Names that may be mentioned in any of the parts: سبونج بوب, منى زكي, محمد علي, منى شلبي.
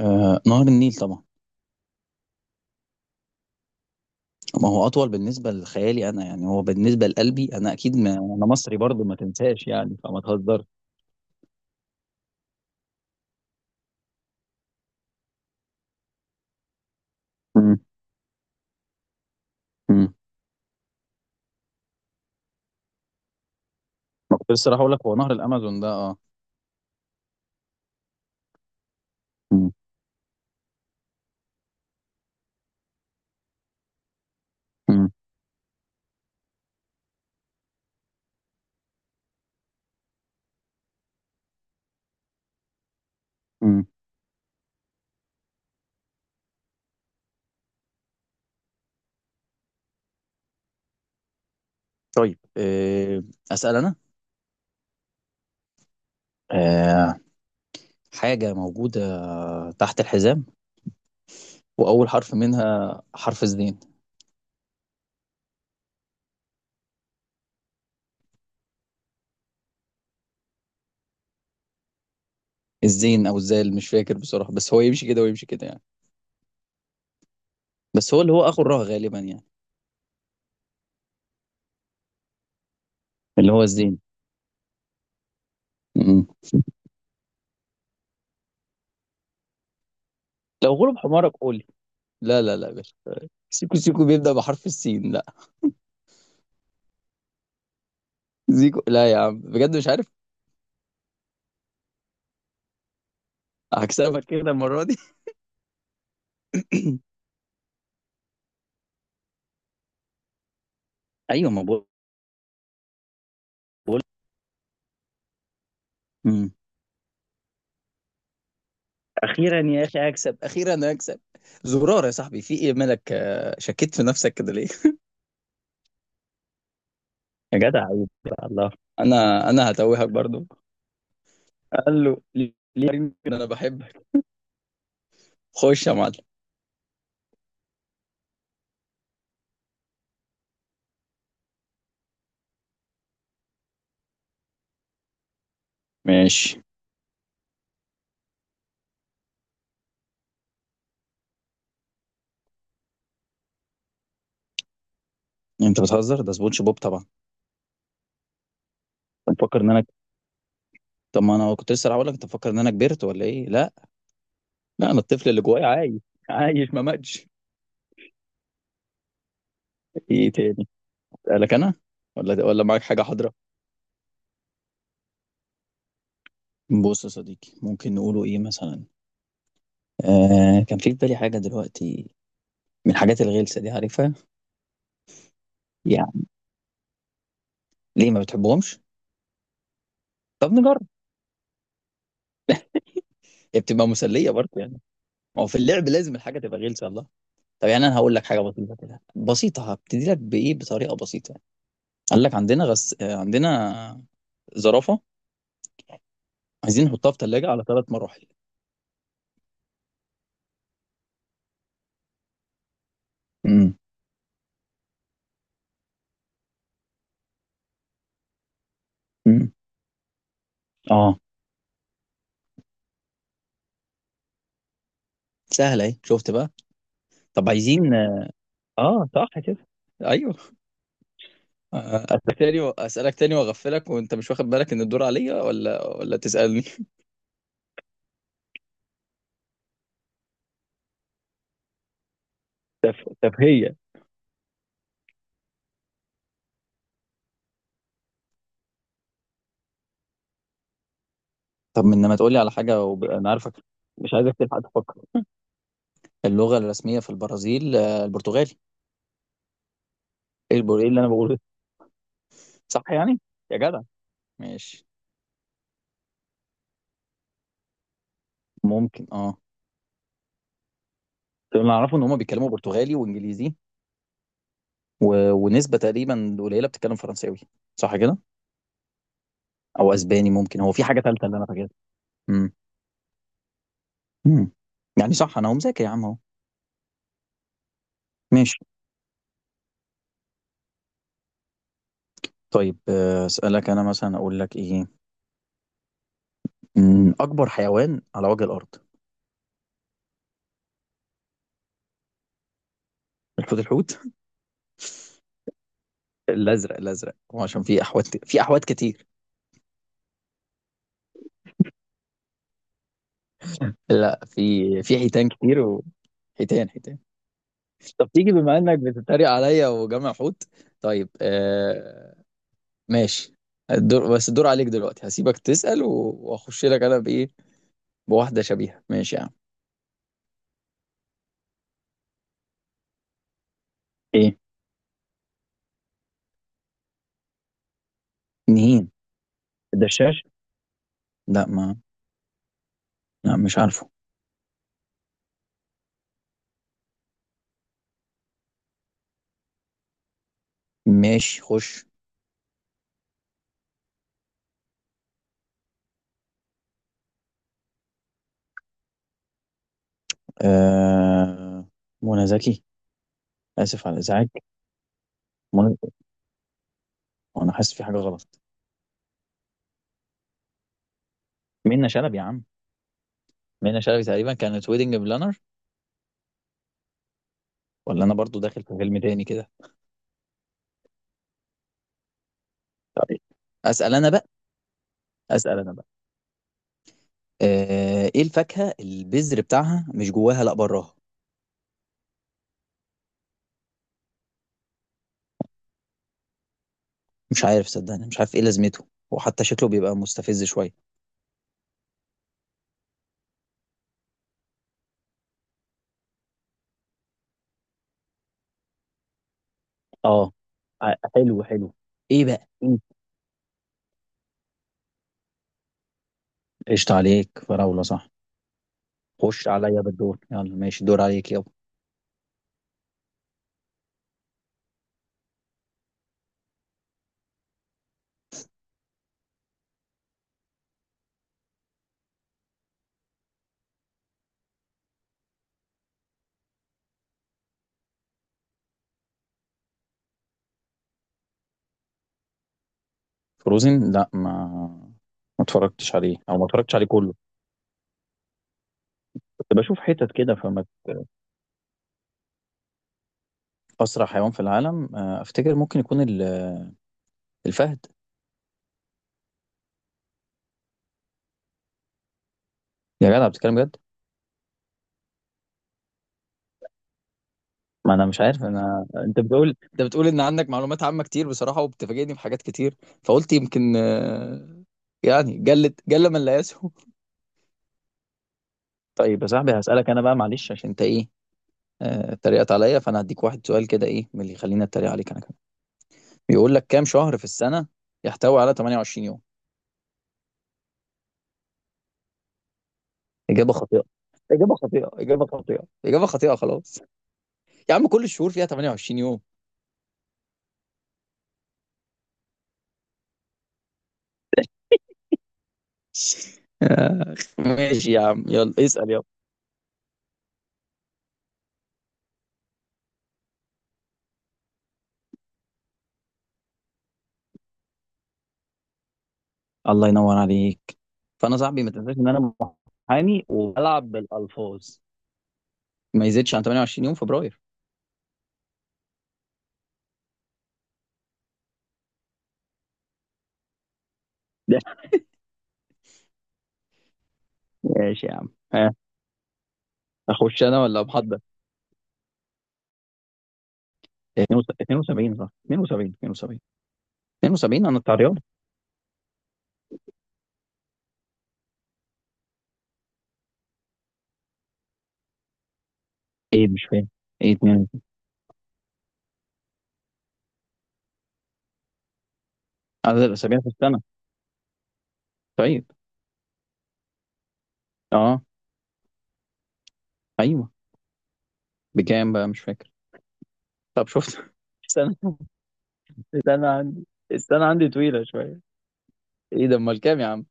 نهر النيل طبعا. ما هو اطول بالنسبه لخيالي انا، يعني هو بالنسبه لقلبي انا اكيد، ما انا مصري برضو ما تنساش يعني، فما تهزرش. مم. مم. ما كنت لسه راح اقول لك هو نهر الامازون ده اه. مم. مم. مم. طيب. اسال انا. آه، حاجه موجوده تحت الحزام، واول حرف منها حرف الزين. الزين او الزال مش فاكر بصراحه، بس هو يمشي كده ويمشي كده يعني. بس هو اللي هو اخو الراء غالبا يعني. اللي هو الزين. مم. لو غلب حمارك قول لي. لا لا لا يا باشا، سيكو سيكو بيبدأ بحرف السين لا. زيكو لا يا عم بجد مش عارف. هكسبك كده المرة دي. ايوه ما بقول، بقول. مم. أخيرا يا أخي أكسب، أخيرا أكسب. زرار يا صاحبي، في إيه مالك؟ شكيت في نفسك كده ليه؟ يا جدع عيب، يا الله. أنا هتوهك برضو. قال له ليه؟ ليه؟ يمكن أنا بحبك. خش يا معلم. ماشي. انت بتهزر، ده سبونج بوب طبعا. انت مفكر ان انا، طب ما أنا كنت لسه هقول لك أنت مفكر إن أنا كبرت ولا إيه؟ لا. لا أنا الطفل اللي جوايا عايش، عايش ما ماتش. ايه تاني؟ اسالك انا، ولا ولا معاك حاجه حاضره. بص يا صديقي، ممكن نقوله ايه مثلا؟ آه كان في بالي حاجه دلوقتي، من الحاجات الغلسه دي عارفها. يعني ليه ما بتحبهمش؟ طب نجرب، هي بتبقى مسليه برضه يعني. ما هو في اللعب لازم الحاجه تبقى غلسه، الله. طب يعني انا هقول لك حاجه بسيطه كده، بسيطه هبتدي لك بايه بطريقه بسيطه. قال لك عندنا غس... آه، عندنا زرافه. عايزين نحطها في ثلاجه على ثلاث مراحل. امم امم اه، سهله اهي، شفت بقى؟ طب عايزين، اه صح كده. ايوه. اسالك تاني واغفلك، وانت مش واخد بالك ان الدور عليا، ولا ولا تسالني. تفهية. طب من لما تقولي على حاجه وبقى انا عارفك، مش عايزك تلحق تفكر. اللغه الرسميه في البرازيل البرتغالي. إيه اللي انا بقوله ده؟ صح يعني، يا جدع. ماشي ممكن اه. طب اللي اعرفه ان هم بيتكلموا برتغالي وانجليزي، ونسبه تقريبا قليله بتتكلم فرنساوي، صح كده؟ او اسباني، ممكن هو في حاجه ثالثه اللي انا فاكرها. امم أمم. يعني صح، انا هو مذاكر يا عم اهو. ماشي. طيب. اسالك انا مثلا اقول لك ايه؟ اكبر حيوان على وجه الارض. الحوت. الازرق الازرق، هو عشان في احوات، في احوات كتير. لا في، في حيتان كتير حيتان حيتان. طب تيجي بما انك بتتريق عليا، وجمع حوت. طيب. آه ماشي. الدور، بس الدور عليك دلوقتي. هسيبك تسأل واخش لك انا بايه، بواحدة شبيهة. ماشي يا عم. ايه؟ نهين الدشاش. لا ما، لا مش عارفه. ماشي خش. آه منى زكي. اسف على الازعاج. منى، انا حاسس في حاجه غلط. منى شلبي يا عم. منى شلبي تقريبا كانت ويدنج بلانر، ولا انا برضو داخل في فيلم تاني كده. طيب. اسال انا بقى، اسال انا بقى. آه، ايه الفاكهه البذر بتاعها مش جواها لا براها. مش عارف صدقني، مش عارف ايه لازمته، وحتى شكله بيبقى مستفز شويه. اه حلو حلو. ايه بقى إيه؟ قشطة عليك، فراولة صح. خش عليا بالدور، يلا ماشي، دور عليك يلا. فروزن، لا ما، ما اتفرجتش عليه، او ما اتفرجتش عليه كله. كنت بشوف حتت كده فما. اسرع حيوان في العالم، افتكر ممكن يكون الفهد. يا جدع بتتكلم بجد؟ ما انا مش عارف انا، انت بتقول ان عندك معلومات عامة كتير بصراحة، وبتفاجئني بحاجات كتير، فقلت يمكن يعني جلت جل من لا يسهو. طيب يا صاحبي هسألك انا بقى، معلش عشان انت ايه، اتريقت عليا، فانا هديك واحد سؤال كده ايه من اللي يخليني اتريق عليك انا كمان. بيقول لك كام شهر في السنة يحتوي على 28 يوم؟ إجابة خاطئة، إجابة خاطئة، إجابة خاطئة، إجابة خاطئة، خلاص. يا عم كل الشهور فيها 28 يوم. آخ، ماشي يا عم، يلا اسأل يلا. الله ينور عليك. فأنا صاحبي، ما تنساش إن أنا محامي وبلعب بالألفاظ. ما يزيدش عن 28 يوم، فبراير. ده ماشي يا عم، ها. أخش أنا ولا محضر؟ 72، صح، 72، 72، 72، أنا بتاع رياضة. إيه مش فاهم، إيه 2؟ عدد الأسابيع في السنة. طيب. أه. أيوه. بكام بقى، مش فاكر. طب شفت. سنة. استنى عندي، استنى عندي طويلة شوية. ايه ده، امال كام يا عم؟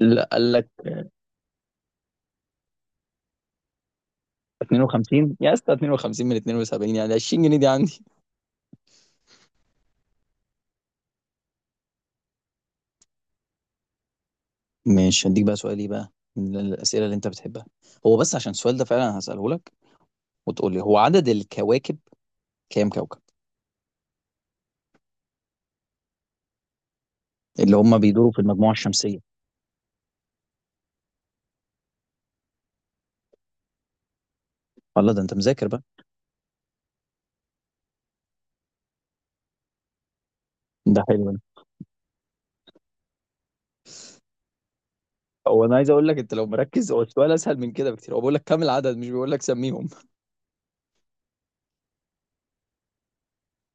لا قال لك. 52 يا اسطى، 52 من 72 يعني 20 جنيه دي عندي. ماشي هديك بقى سؤال ايه بقى من الأسئلة اللي أنت بتحبها. هو بس عشان السؤال ده فعلا هسأله لك، وتقول لي هو عدد الكواكب كام كوكب اللي هم بيدوروا في المجموعة الشمسية. الله ده أنت مذاكر بقى. ده حلو ده. هو انا عايز اقول لك انت لو مركز، هو السؤال اسهل من كده بكتير، هو بيقول لك كام العدد، مش بيقول لك سميهم.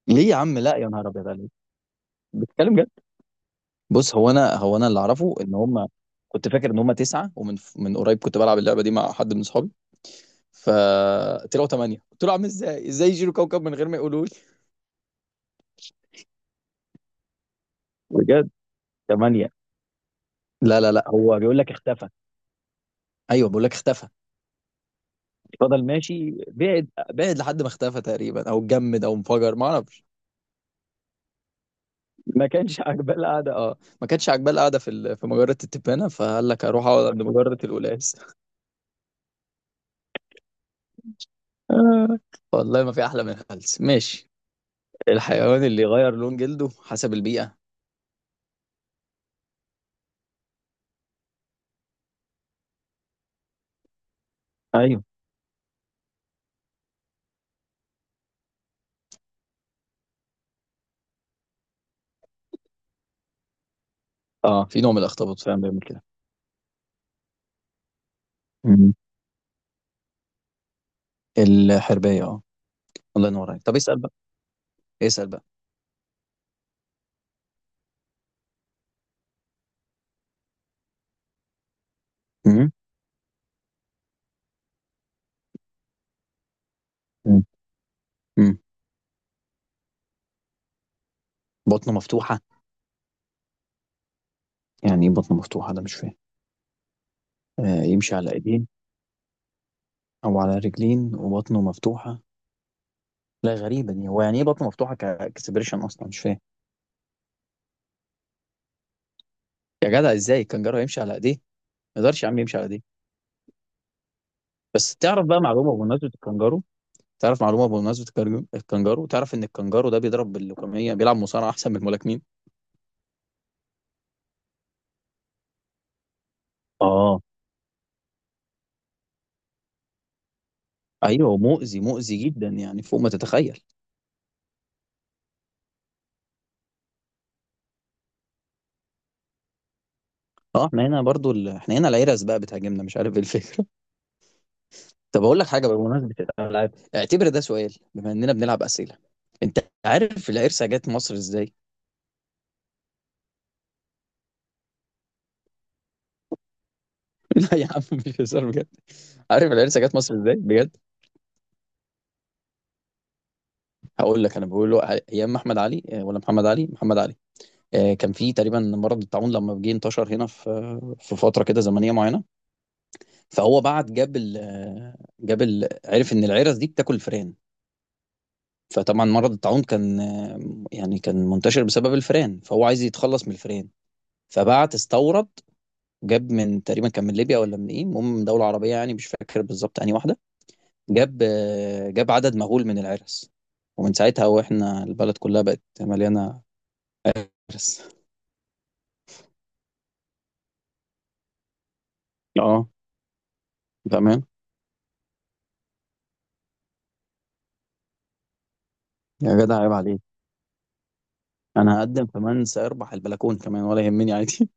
ليه يا عم؟ لا يا نهار أبيض عليك، بتتكلم. بص هو انا، انا اللي اعرفه ان هم، كنت فاكر ان هم تسعه، ومن قريب كنت بلعب اللعبه دي مع حد من اصحابي، فطلعوا ثمانيه. قلت له عامل ازاي؟ ازاي يشيلوا كوكب من غير ما يقولوا لي؟ بجد؟ ثمانية؟ لا لا لا، هو بيقول لك اختفى. ايوه بيقول لك اختفى. فضل ماشي بعد لحد ما اختفى تقريبا، او اتجمد، او انفجر، ما اعرفش. ما كانش عاجباه القعده، اه ما كانش عاجباه القعده في في مجره التبانه، فقال لك اروح اقعد عند مجره القلاس. آه، والله ما في احلى من الهلس، ماشي. الحيوان اللي يغير لون جلده حسب البيئة. ايوه اه، في نوع من الاخطبوط فعلا بيعمل كده. مم. الحربية اه. الله ينور عليك، طب اسأل بقى، اسأل بقى. مم. مم. مم. بطنه مفتوحة. يعني ايه بطنه مفتوحة؟ ده مش فاهم. آه يمشي على ايدين او على رجلين وبطنه مفتوحة. لا غريبة دي، هو يعني ايه بطنه مفتوحة كاكسبريشن اصلا، مش فاهم. يا جدع ازاي الكنجارو يمشي على ايديه؟ ما يقدرش يا عم يمشي على ايديه. بس تعرف بقى معلومة بمناسبة الكنجارو، تعرف معلومة بمناسبة الكنجارو؟ الكنجارو، تعرف ان الكنجارو ده بيضرب باللوكمية، بيلعب مصارعة احسن من الملاكمين. اه ايوه، مؤذي مؤذي جدا، يعني فوق ما تتخيل. اه احنا هنا برضو احنا هنا العيرة بقى بتهاجمنا، مش عارف ايه الفكره. طب اقول لك حاجه بقى، بمناسبه الالعاب اعتبر ده سؤال بما اننا بنلعب اسئله. انت عارف العرسه جت مصر ازاي؟ لا يا عم مش هزار بجد، عارف العرسه جت مصر ازاي بجد؟ هقول لك انا، بقول له ايام احمد علي ولا محمد علي؟ محمد علي، كان في تقريبا مرض الطاعون لما جه، انتشر هنا في، في فتره كده زمنيه معينه. فهو بعت جاب ال... آه، جاب عرف ان العرس دي بتاكل الفئران، فطبعا مرض الطاعون كان، يعني كان منتشر بسبب الفئران، فهو عايز يتخلص من الفئران. فبعت استورد، جاب من تقريبا، كان من ليبيا ولا من ايه، المهم من دولة عربية، يعني مش فاكر بالظبط انهي واحدة. جاب، جاب عدد مهول من العرس، ومن ساعتها واحنا البلد كلها بقت مليانة عرس. اه، بأمان. يا جدع عيب عليك. انا هقدم كمان، سيربح البلكون كمان، ولا يهمني عادي.